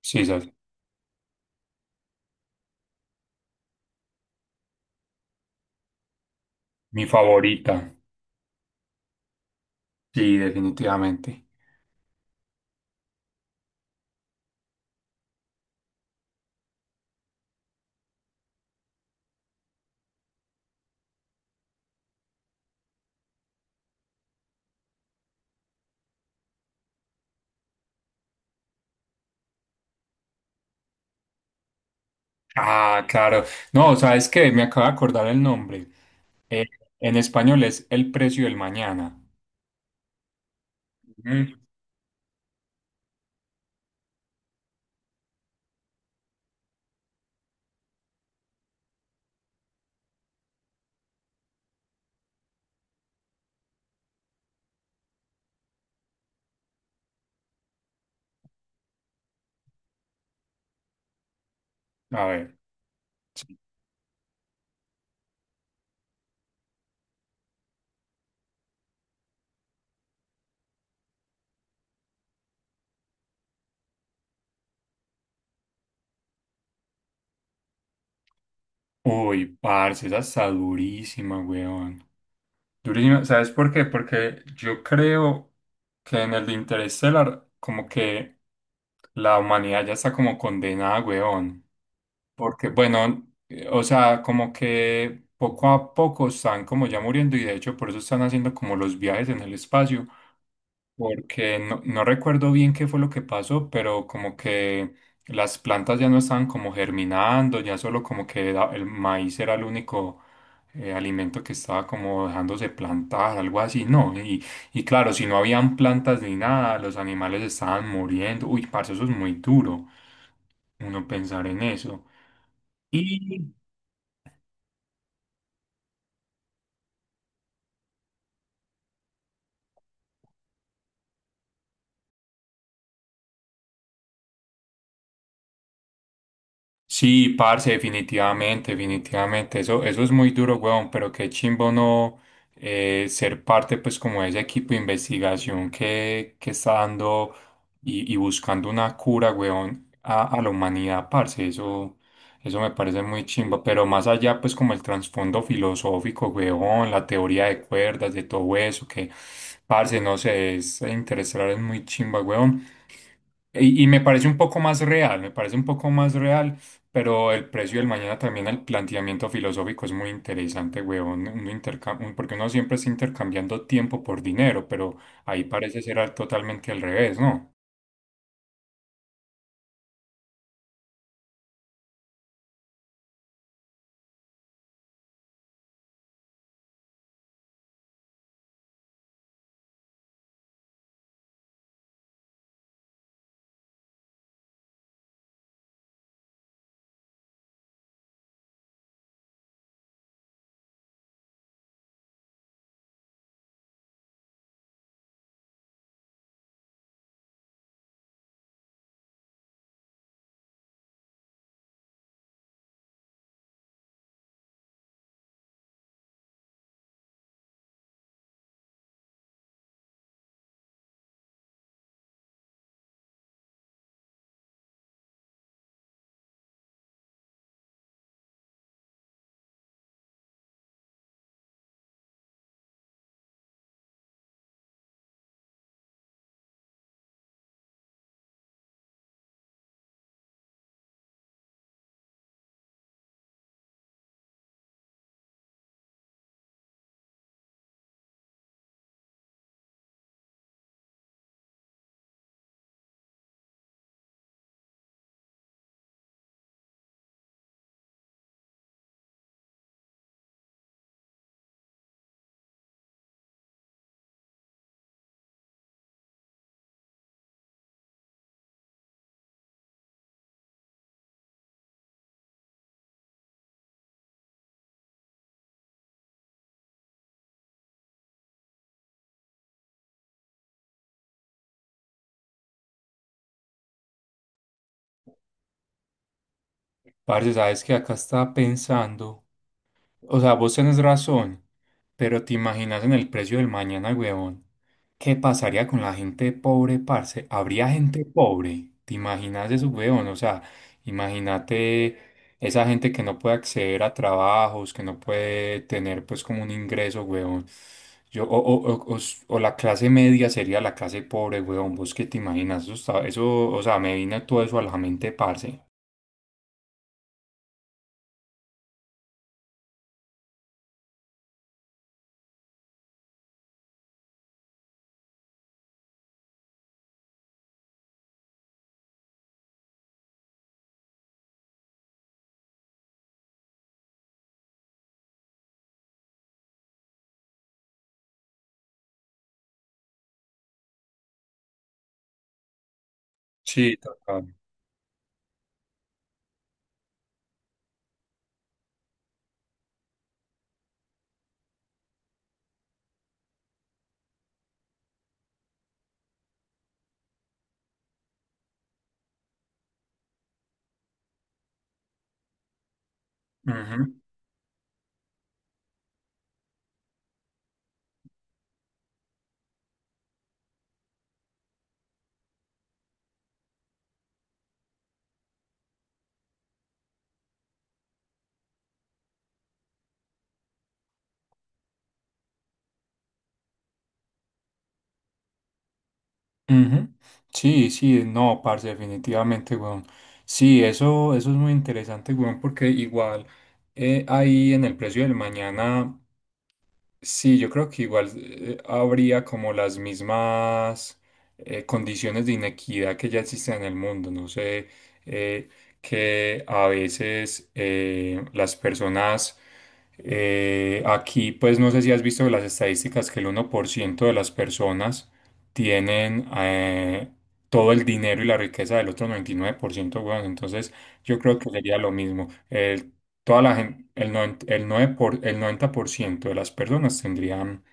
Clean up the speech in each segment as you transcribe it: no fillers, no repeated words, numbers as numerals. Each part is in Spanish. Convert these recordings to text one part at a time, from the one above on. Sí, esa es mi favorita. Sí, definitivamente. Ah, claro. No, ¿sabes qué? Me acabo de acordar el nombre. Eh, en español es El precio del mañana. Ujú. A ver. Uy, parce, esa está durísima, weón. Durísima. ¿Sabes por qué? Porque yo creo que en el de Interestelar, como que la humanidad ya está como condenada, weón. Porque, bueno, o sea, como que poco a poco están como ya muriendo y de hecho por eso están haciendo como los viajes en el espacio, porque no recuerdo bien qué fue lo que pasó, pero como que las plantas ya no estaban como germinando, ya solo como que el maíz era el único alimento que estaba como dejándose plantar, algo así, ¿no? Y claro, si no habían plantas ni nada, los animales estaban muriendo. Uy, parce, eso es muy duro, uno pensar en eso. Y sí, parce, definitivamente, definitivamente. Eso es muy duro, weón, pero qué chimbo no ser parte, pues, como de ese equipo de investigación que está dando y buscando una cura, weón, a la humanidad, parce. Eso me parece muy chimbo. Pero más allá, pues, como el trasfondo filosófico, weón, la teoría de cuerdas, de todo eso, que, parce, no sé, es interesar, es muy chimba, weón. Y me parece un poco más real, me parece un poco más real, pero el precio del mañana también al planteamiento filosófico es muy interesante, weón, porque uno siempre está intercambiando tiempo por dinero, pero ahí parece ser totalmente al revés, ¿no? Parce, sabes que acá estaba pensando. O sea, vos tenés razón, pero te imaginas en el precio del mañana, huevón. ¿Qué pasaría con la gente pobre, parce? ¿Habría gente pobre? ¿Te imaginas eso, huevón? O sea, imagínate esa gente que no puede acceder a trabajos, que no puede tener pues como un ingreso, huevón. Yo, o s- o la clase media sería la clase pobre, huevón. ¿Vos qué te imaginas? Eso, o sea, me vino todo eso a la mente, parce. Sí, total. Ujú. Sí, sí, no, parce, definitivamente, weón. Sí, eso es muy interesante, weón, porque igual ahí en el precio del mañana. Sí, yo creo que igual habría como las mismas condiciones de inequidad que ya existen en el mundo. No sé, eh, que a veces las personas aquí, pues no sé si has visto las estadísticas que el 1% de las personas tienen todo el dinero y la riqueza del otro 99%, weón. Entonces yo creo que sería lo mismo. El Toda la gente, el, noven- el, nueve por, el 90% de las personas tendrían,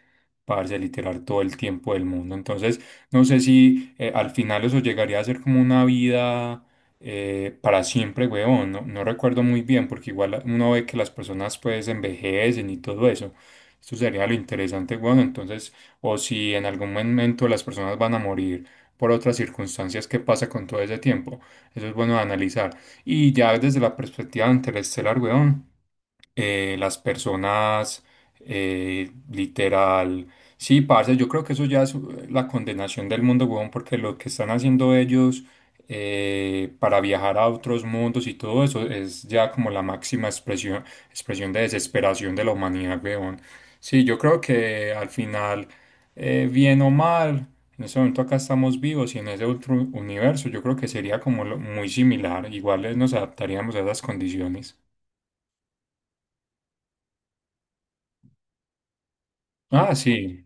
parce, literal, todo el tiempo del mundo. Entonces, no sé si al final eso llegaría a ser como una vida para siempre, weón. No recuerdo muy bien, porque igual uno ve que las personas pues envejecen y todo eso. Esto sería lo interesante, weón. Entonces, o si en algún momento las personas van a morir por otras circunstancias, ¿qué pasa con todo ese tiempo? Eso es bueno de analizar. Y ya desde la perspectiva de Interestelar, weón, eh, las personas, literal. Sí, parce, yo creo que eso ya es la condenación del mundo, huevón, porque lo que están haciendo ellos para viajar a otros mundos y todo eso es ya como la máxima expresión de desesperación de la humanidad, huevón. Sí, yo creo que al final, bien o mal, en ese momento acá estamos vivos y en ese otro universo yo creo que sería como muy similar, igual nos adaptaríamos a esas condiciones. Ah, sí.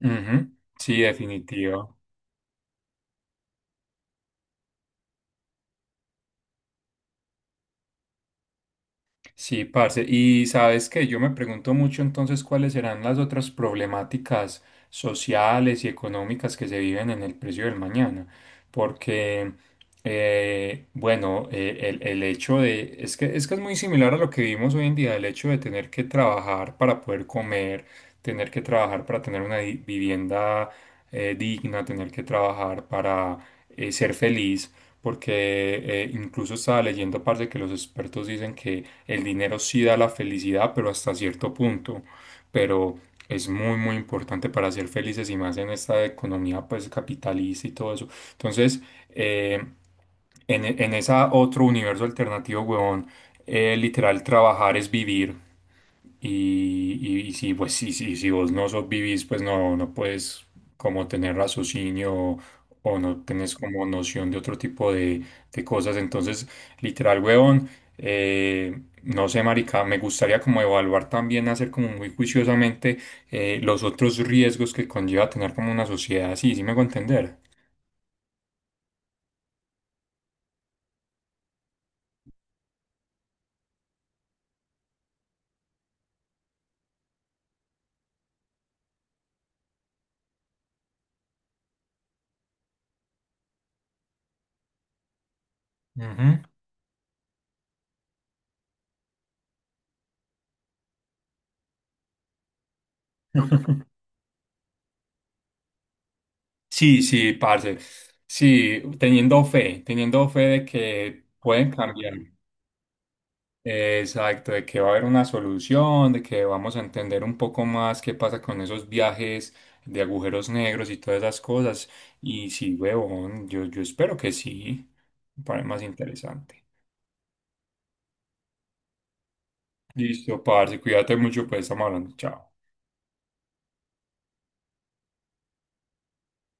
Ujú. Sí, definitivo. Sí, parce. Y sabes que yo me pregunto mucho entonces cuáles serán las otras problemáticas sociales y económicas que se viven en el precio del mañana. Porque, el hecho de, es que es muy similar a lo que vivimos hoy en día, el hecho de tener que trabajar para poder comer, tener que trabajar para tener una vivienda digna, tener que trabajar para ser feliz. Porque incluso estaba leyendo, parce, que los expertos dicen que el dinero sí da la felicidad, pero hasta cierto punto. Pero es muy, muy importante para ser felices y más en esta economía pues capitalista y todo eso. Entonces, eh, en esa otro universo alternativo, huevón, literal trabajar es vivir. Y si, pues, si vos no sos vivís, pues no puedes como tener raciocinio o no tenés como noción de otro tipo de cosas. Entonces, literal, huevón, eh, no sé, marica, me gustaría como evaluar también, hacer como muy juiciosamente los otros riesgos que conlleva tener como una sociedad así, ¿sí me hago entender? Ujú. Sí, sí, parce. Sí, teniendo fe de que pueden cambiar. Exacto, de que va a haber una solución, de que vamos a entender un poco más qué pasa con esos viajes de agujeros negros y todas esas cosas. Y sí, huevón, yo espero que sí, para más interesante. Listo, parce, cuídate mucho, pues estamos hablando. Chao.